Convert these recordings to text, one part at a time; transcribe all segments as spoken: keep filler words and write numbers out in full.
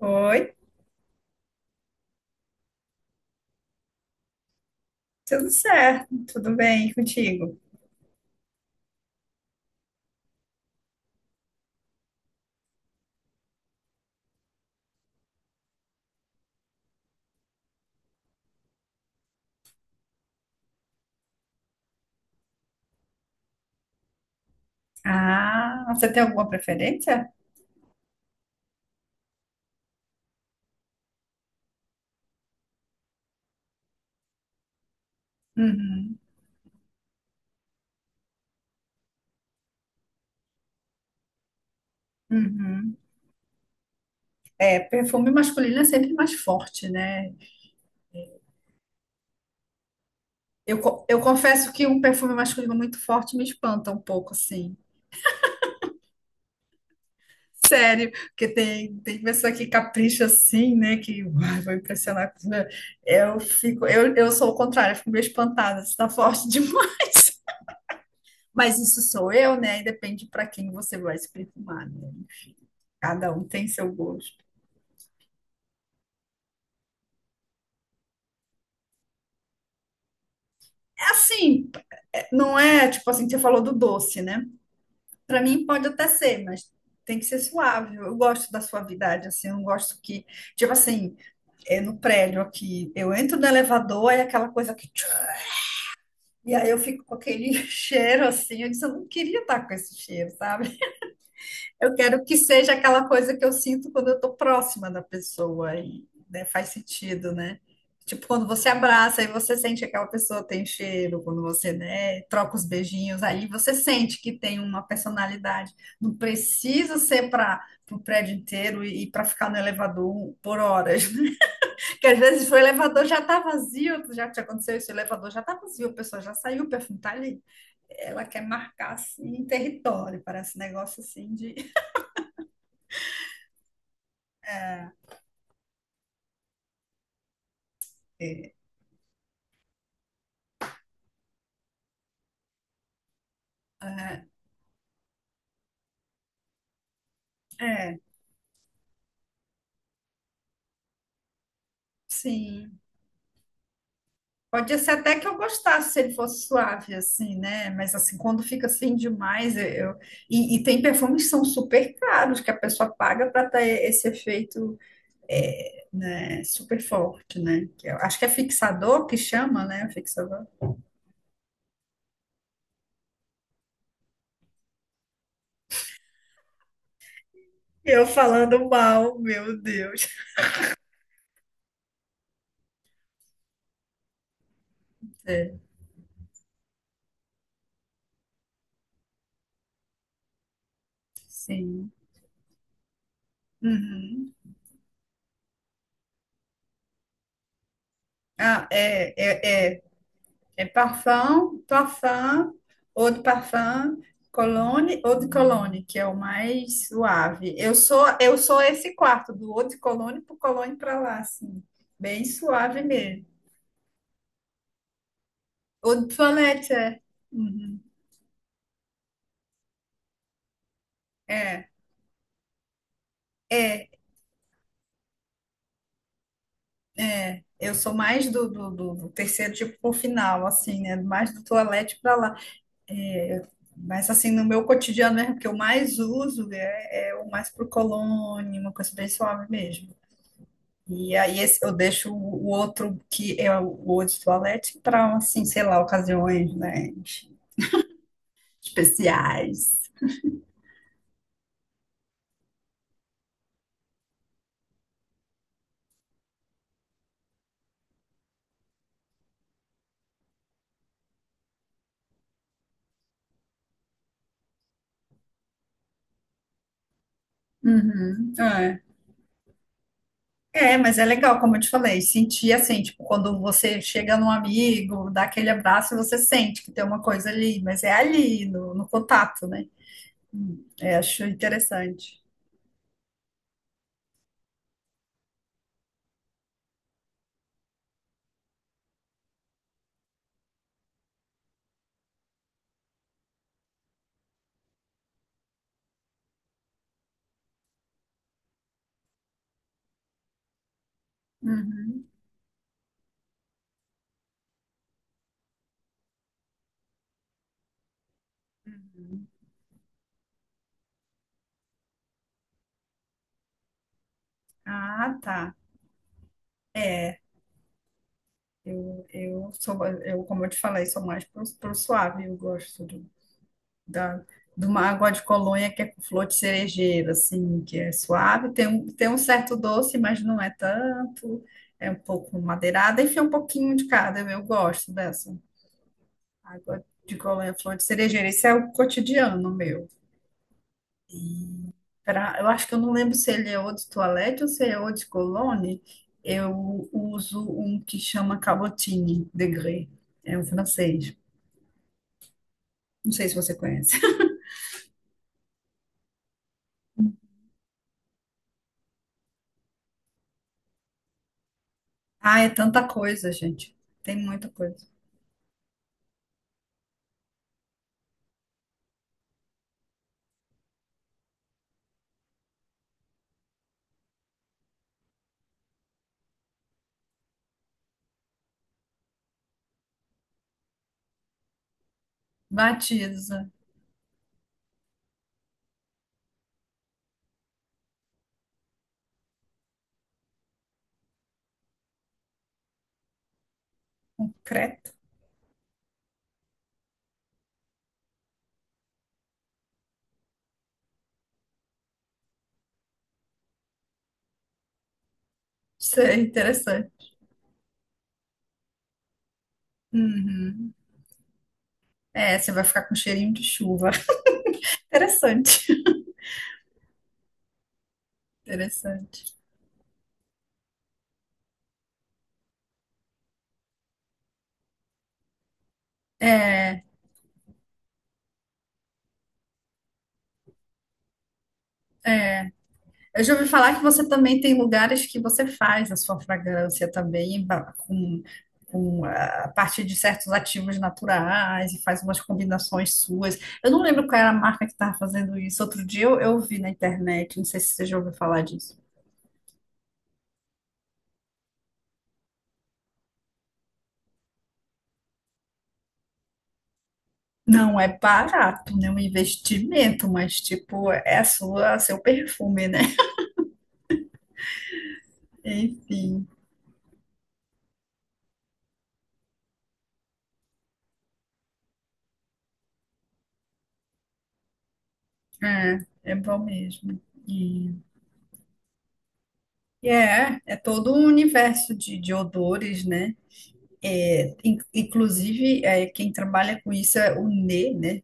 Oi, tudo certo? Tudo bem contigo? Ah, você tem alguma preferência? Uhum, uhum. É, perfume masculino é sempre mais forte, né? Eu, co- eu confesso que um perfume masculino muito forte me espanta um pouco, assim. Sério, porque tem, tem pessoa que capricha assim, né? Que uai, vou impressionar. com- Eu fico, eu, eu sou o contrário, eu fico meio espantada, se tá forte demais. Mas isso sou eu, né? E depende para quem você vai se perfumar, né? Cada um tem seu gosto. É assim, é, não é tipo assim, você falou do doce, né? Para mim pode até ser, mas tem que ser suave. Eu gosto da suavidade, assim, eu não gosto que, tipo assim, é no prédio aqui, eu entro no elevador, é aquela coisa que. Tchum, e aí eu fico com aquele cheiro assim, eu disse, eu não queria estar com esse cheiro, sabe? Eu quero que seja aquela coisa que eu sinto quando eu tô próxima da pessoa e, né, faz sentido, né? Tipo, quando você abraça e você sente que aquela pessoa tem cheiro, quando você, né, troca os beijinhos, aí você sente que tem uma personalidade. Não precisa ser para o prédio inteiro e, para ficar no elevador por horas. Que às vezes o elevador já tá vazio, já te aconteceu isso, o elevador já tá vazio, a pessoa já saiu, o perfume tá ali. Ela quer marcar, assim, um território, parece um negócio assim de... É, sim. Pode ser até que eu gostasse se ele fosse suave, assim, né? Mas assim, quando fica assim demais, eu... eu- E, e tem perfumes que são super caros, que a pessoa paga para ter esse efeito, é, né, super forte, né? Que eu acho que é fixador que chama, né? Fixador. Eu falando mal, meu Deus. É, sim. Uhum. Ah, é, é, é. É parfum, parfum, eau de parfum, cologne, eau de cologne, que é o mais suave. Eu sou eu sou esse quarto, do eau de cologne pro cologne para lá, assim. Bem suave mesmo. Eau de toilette, é. Uhum. É, é, é. Eu sou mais do, do, do- do terceiro tipo pro final, assim, né? Mais do toilette para lá. É, mas assim, no meu cotidiano mesmo, que eu mais uso é, é o mais pro cologne, uma coisa bem suave mesmo. E aí esse, eu deixo o outro, que é o Eau de Toilette, para, assim, sei lá, ocasiões, né, especiais. Uhum, é. É, mas é legal, como eu te falei, sentir assim, tipo, quando você chega num amigo, dá aquele abraço, você sente que tem uma coisa ali, mas é ali, no, no contato, né? Hum, é, acho interessante. Uhum, uhum. Ah, tá. É, eu, eu sou, eu, como eu te falei, sou mais pro, pro suave, eu gosto do da, de uma água de colônia que é com flor de cerejeira, assim, que é suave, tem um, tem um certo doce, mas não é tanto, é um pouco madeirada, enfim, um pouquinho de cada, eu, eu gosto dessa água de colônia, flor de cerejeira, isso é o cotidiano meu. Pra, eu acho que eu não lembro se ele é ou de toalete ou se é ou de colônia, eu uso um que chama Cabotine de Grès, é um francês, não sei se você conhece. Ah, é tanta coisa, gente, tem muita coisa. Batiza. Creto. Sei, interessante. Uhum. É, você vai ficar com cheirinho de chuva. Interessante. Interessante. É, eu já ouvi falar que você também tem lugares que você faz a sua fragrância também, ba- com, com ah, a partir de certos ativos naturais e faz umas combinações suas. Eu não lembro qual era a marca que estava fazendo isso. Outro dia eu, eu vi na internet, não sei se você já ouviu falar disso. Não é barato, né? Um investimento, mas tipo, é a sua, seu perfume, né? Enfim, é, é bom mesmo. E, e é, é todo um universo de, de odores, né? É, in- inclusive, é, quem trabalha com isso é o nez, né?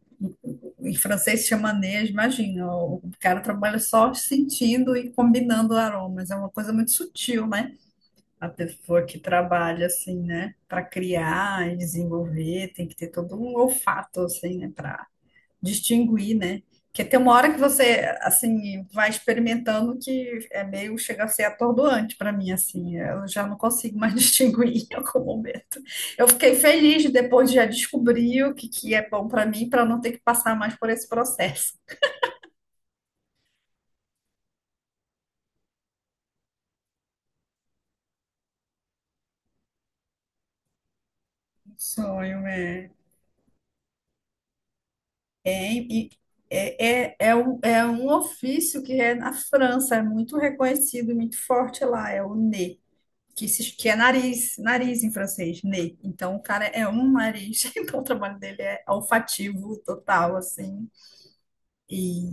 Em francês se chama nez, imagina, o o cara trabalha só sentindo e combinando aromas, é uma coisa muito sutil, né? A pessoa que trabalha assim, né, para criar e desenvolver, tem que ter todo um olfato assim, né, para distinguir, né? Porque tem uma hora que você, assim, vai experimentando que é meio, chega a ser atordoante para mim, assim. Eu já não consigo mais distinguir em algum momento. Eu fiquei feliz depois de já descobrir o que, que é bom para mim, para não ter que passar mais por esse processo. Sonho, é. É, e- é, é, é, um, é um ofício que é na França, é muito reconhecido, muito forte lá, é o N E. Que, se- que é nariz, nariz em francês, nez. Então, o cara é um nariz, então o trabalho dele é olfativo total, assim. E,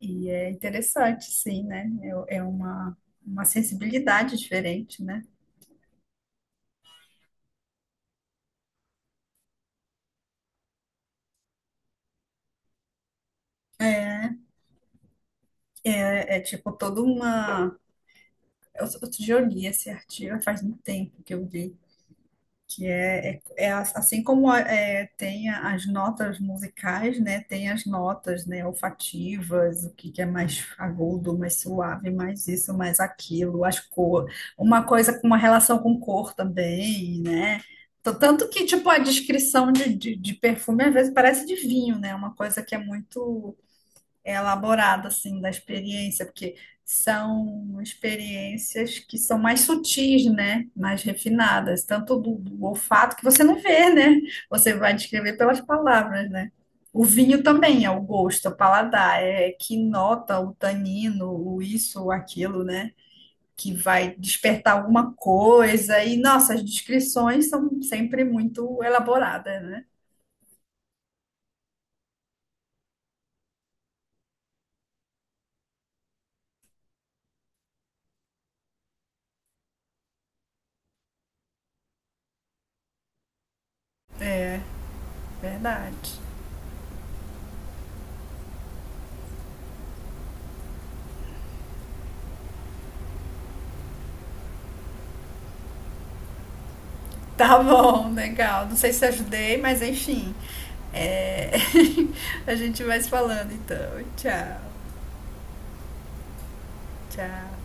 e é interessante, sim, né? É, é uma, uma sensibilidade diferente, né? É é tipo toda uma. eu- Outro dia eu li esse artigo, faz muito tempo que eu li que é, é, é as- assim como a- é, tem a- as notas musicais, né? Tem as notas, né, olfativas, o que, que é mais agudo, mais suave, mais isso, mais aquilo, as cor, uma coisa com uma relação com cor também, né? T- Tanto que, tipo, a descrição de, de, de perfume às vezes parece de vinho, né? Uma coisa que é muito elaborada assim da experiência, porque são experiências que são mais sutis, né? Mais refinadas, tanto do, do olfato que você não vê, né? Você vai descrever pelas palavras, né? O vinho também é o gosto, o paladar, é que nota o tanino, o isso, o aquilo, né? Que vai despertar alguma coisa. E, nossa, as descrições são sempre muito elaboradas, né? Verdade. Tá bom, legal. Não sei se ajudei, mas enfim. É, a gente vai se falando então. Tchau, tchau.